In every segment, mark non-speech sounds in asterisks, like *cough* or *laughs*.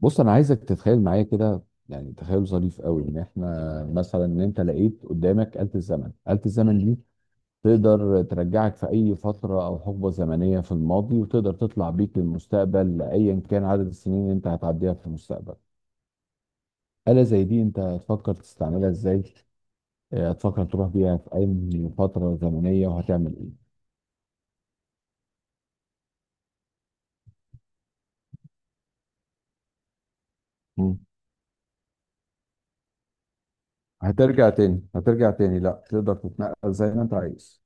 بص انا عايزك تتخيل معايا كده. يعني تخيل ظريف قوي ان احنا مثلا ان انت لقيت قدامك آلة الزمن. آلة الزمن دي تقدر ترجعك في اي فترة او حقبة زمنية في الماضي، وتقدر تطلع بيك للمستقبل ايا كان عدد السنين اللي انت هتعديها في المستقبل. آلة زي دي انت هتفكر تستعملها ازاي؟ هتفكر تروح بيها في اي فترة زمنية وهتعمل ايه؟ مم. هترجع تاني، هترجع تاني، لا تقدر تتنقل زي ما انت عايز.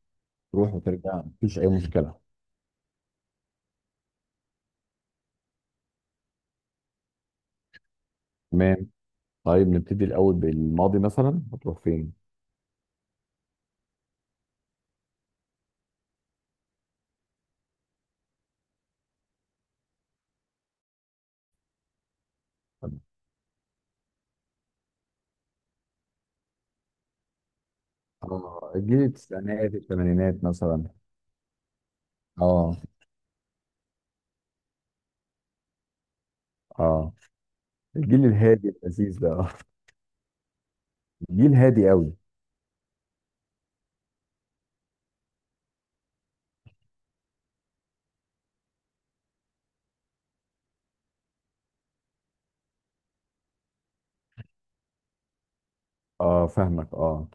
تروح وترجع مفيش اي مشكلة. طيب نبتدي الأول بالماضي، مثلا هتروح فين؟ طب- اه، الجيل التسعينات الثمانينات مثلا. اه، اه، الجيل الهادي اللذيذ ده آه. الجيل هادي قوي. اه، فاهمك، اه.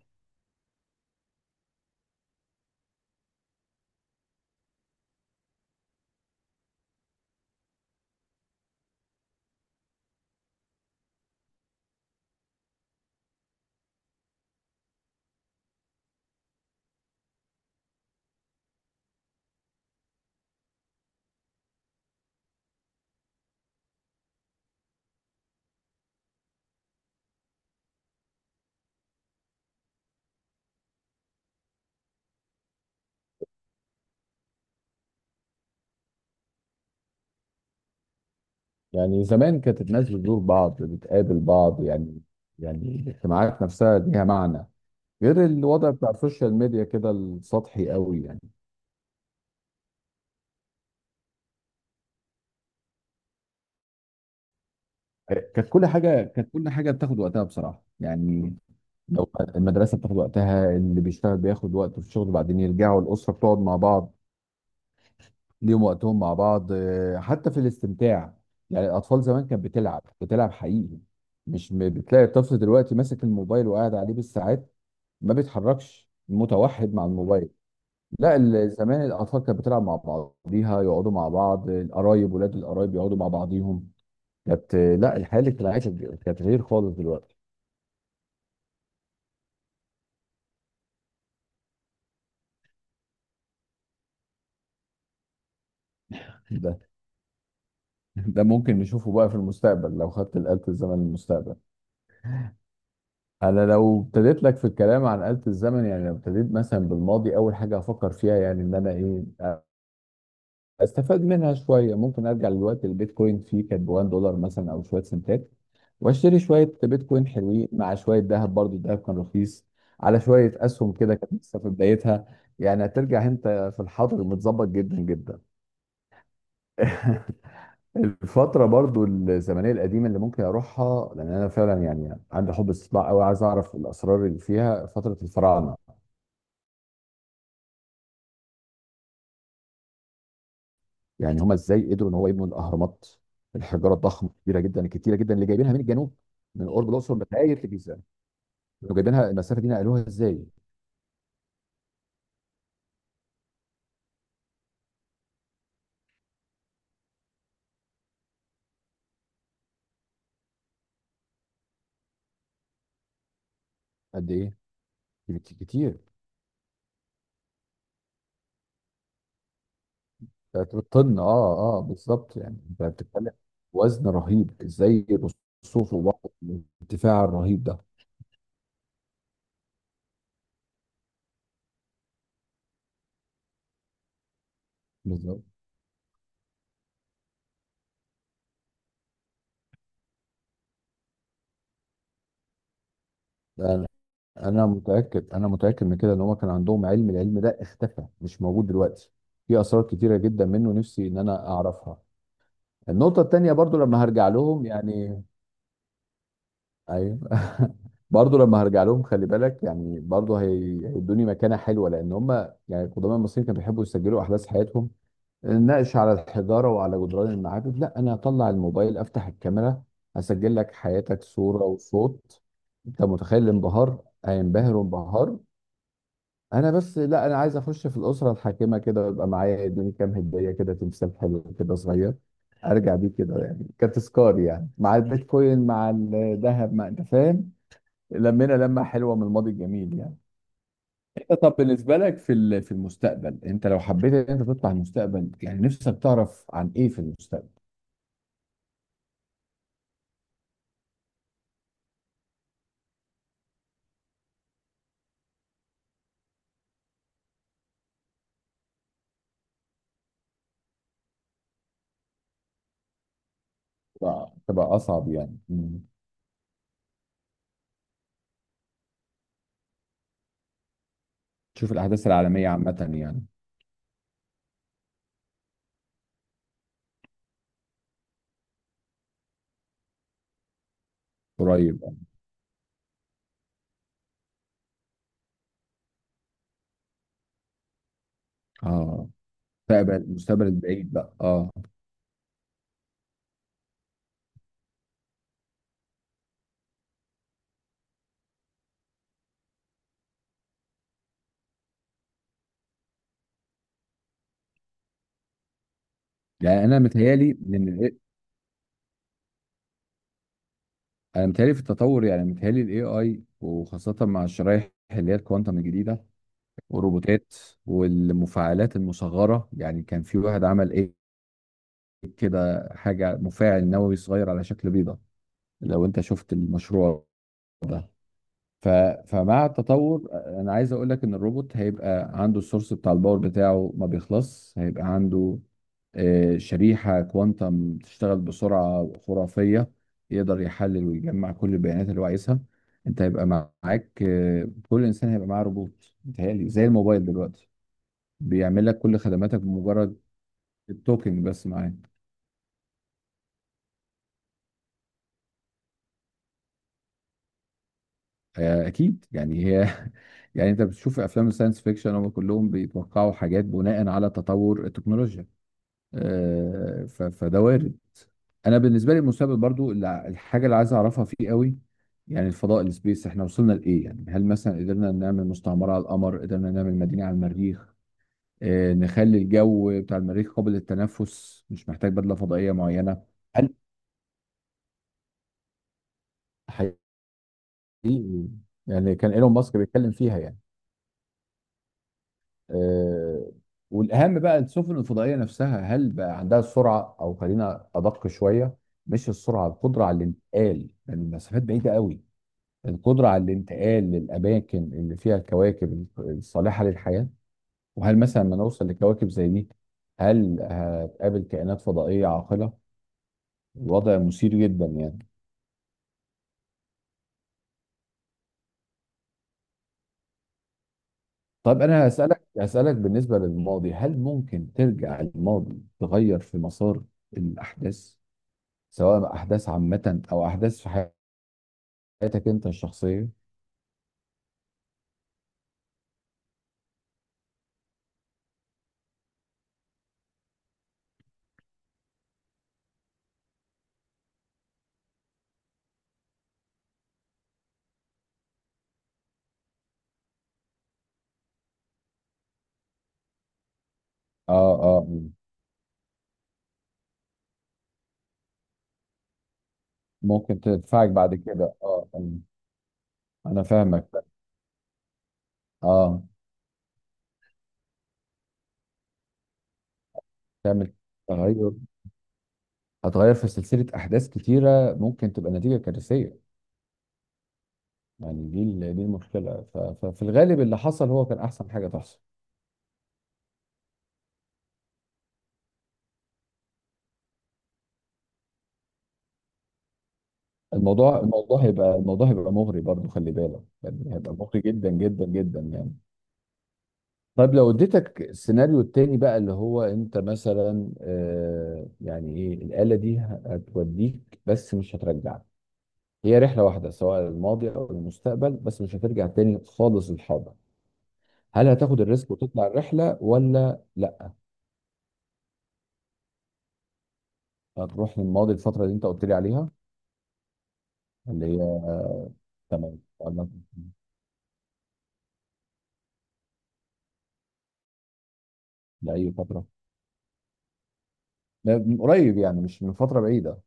يعني زمان كانت الناس بتزور بعض، بتقابل بعض يعني. يعني الاجتماعات نفسها ليها معنى، غير الوضع بتاع السوشيال ميديا كده السطحي قوي يعني. كانت كل حاجة بتاخد وقتها بصراحة يعني. لو المدرسة بتاخد وقتها، اللي بيشتغل بياخد وقته في الشغل، وبعدين يرجعوا الأسرة بتقعد مع بعض، ليهم وقتهم مع بعض حتى في الاستمتاع. يعني الاطفال زمان كانت بتلعب، بتلعب حقيقي. مش م- بتلاقي الطفل دلوقتي ماسك الموبايل وقاعد عليه بالساعات، ما بيتحركش، متوحد مع الموبايل. لا ال- زمان الاطفال كانت بتلعب مع بعضيها، يقعدوا مع بعض القرايب، ولاد القرايب يقعدوا مع بعضيهم. كانت لا، الحياه الاجتماعيه كانت غير خالص دلوقتي. ده *laughs* ده ممكن نشوفه بقى في المستقبل لو خدت الآلة الزمن للمستقبل. انا لو ابتديت لك في الكلام عن آلة الزمن، يعني لو ابتديت مثلا بالماضي، اول حاجة هفكر فيها يعني ان انا ايه، استفاد منها شوية. ممكن ارجع للوقت البيتكوين فيه كانت ب 1 دولار مثلا او شوية سنتات، واشتري شوية بيتكوين حلوين مع شوية ذهب، برضو الذهب كان رخيص، على شوية اسهم كده كانت لسه في بدايتها. يعني هترجع انت في الحاضر متظبط جدا جدا. *laughs* الفترة برضو الزمنية القديمة اللي ممكن أروحها، لأن أنا فعلا يعني عندي حب استطلاع أوي، عايز أعرف الأسرار اللي فيها، فترة الفراعنة. يعني هما ازاي قدروا ان هو يبنوا الاهرامات؟ الحجاره الضخمه الكبيره جدا الكتيره جدا اللي جايبينها من الجنوب، من قرب الاقصر لغايه الجيزه، كانوا جايبينها المسافه دي، نقلوها ازاي؟ قد ايه؟ كتير. طن، اه اه، بالظبط، يعني انت بتتكلم وزن رهيب، ازاي الرصوف وبعض الارتفاع الرهيب ده. بالظبط. ده انا متاكد، انا متاكد من كده ان هما كان عندهم علم، العلم ده اختفى مش موجود دلوقتي. في اسرار كتيره جدا منه نفسي ان انا اعرفها. النقطه التانيه برضو لما هرجع لهم يعني، ايوه، *laughs* برضه لما هرجع لهم خلي بالك يعني، برضه هيدوني مكانه حلوه، لان هم يعني القدماء المصريين كانوا بيحبوا يسجلوا احداث حياتهم، نناقش على الحجاره وعلى جدران المعابد. لا، انا اطلع الموبايل، افتح الكاميرا، اسجل لك حياتك صوره وصوت. انت متخيل الانبهار؟ هينبهر وانبهار. انا بس لا، انا عايز اخش في الاسره الحاكمه كده ويبقى معايا، يدوني كام هديه كده، تمثال حلو كده صغير، ارجع بيه كده يعني كتذكار، يعني مع البيتكوين مع الذهب، مع انت فاهم. لمينا لمة حلوة من الماضي الجميل يعني. انت طب بالنسبة لك في في المستقبل، انت لو حبيت ان انت تطلع المستقبل، يعني نفسك تعرف عن ايه في المستقبل؟ تبقى اصعب يعني، مم. تشوف الاحداث العالمية عامة يعني. قريب يعني. اه، مستقبل المستقبل البعيد بقى، اه. يعني انا متهيالي ان انا متهيالي في التطور، يعني متهيالي الاي اي، وخاصة مع الشرايح اللي هي الكوانتم الجديدة، والروبوتات، والمفاعلات المصغرة. يعني كان في واحد عمل كده حاجة، مفاعل نووي صغير على شكل بيضة، لو انت شفت المشروع ده. ف... فمع التطور انا عايز اقول لك ان الروبوت هيبقى عنده السورس بتاع الباور بتاعه، ما بيخلص، هيبقى عنده شريحة كوانتم تشتغل بسرعة خرافية، يقدر يحلل ويجمع كل البيانات اللي هو عايزها. انت هيبقى معاك كل انسان هيبقى معاه روبوت، متهيألي زي الموبايل دلوقتي، بيعمل لك كل خدماتك بمجرد التوكينج بس معاه. اكيد يعني، هي *laughs* يعني انت بتشوف افلام الساينس فيكشن، هم كلهم بيتوقعوا حاجات بناء على تطور التكنولوجيا. فده وارد. انا بالنسبه لي المستقبل برضو، الحاجه اللي عايز اعرفها فيه قوي، يعني الفضاء، السبيس، احنا وصلنا لايه؟ يعني هل مثلا قدرنا نعمل مستعمره على القمر؟ قدرنا نعمل مدينه على المريخ؟ نخلي الجو بتاع المريخ قابل للتنفس، مش محتاج بدله فضائيه معينه؟ هل حقيقي، يعني كان ايلون ماسك بيتكلم فيها يعني. آه، والاهم بقى السفن الفضائيه نفسها، هل بقى عندها السرعه، او خلينا ادق شويه، مش السرعه، القدره على الانتقال، لان المسافات بعيده قوي. القدره على الانتقال للاماكن اللي فيها الكواكب الصالحه للحياه. وهل مثلا لما نوصل لكواكب زي دي، هل هتقابل كائنات فضائيه عاقله؟ الوضع مثير جدا يعني. طب انا هسالك بالنسبه للماضي، هل ممكن ترجع الماضي تغير في مسار الاحداث، سواء احداث عامه او احداث في حياتك انت الشخصيه؟ اه، اه، ممكن تدفعك بعد كده، اه آه. انا فاهمك، اه. تعمل تغير، هتغير في سلسله احداث كتيره، ممكن تبقى نتيجه كارثيه. يعني دي دي المشكله. ففي الغالب اللي حصل هو كان احسن حاجه تحصل. الموضوع هيبقى مغري برضه، خلي بالك يعني، هيبقى مغري جدا جدا جدا يعني. طيب لو اديتك السيناريو التاني بقى، اللي هو انت مثلا آه، يعني ايه، الآلة دي هتوديك بس مش هترجعك، هي رحلة واحدة، سواء الماضي او المستقبل، بس مش هترجع تاني خالص للحاضر. هل هتاخد الريسك وتطلع الرحلة ولا لا؟ هتروح للماضي، الفترة اللي انت قلت لي عليها، اللي هي، تمام ولا؟ لأي فترة؟ لا، من قريب يعني، مش من فترة بعيدة.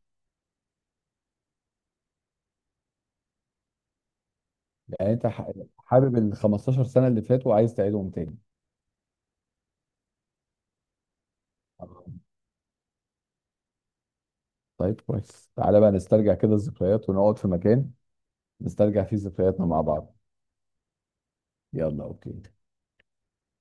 يعني انت حابب ال 15 سنة اللي فاتوا وعايز تعيدهم تاني؟ طيب كويس، تعالى بقى نسترجع كده الذكريات، ونقعد في مكان نسترجع فيه ذكرياتنا مع بعض. يلا اوكي.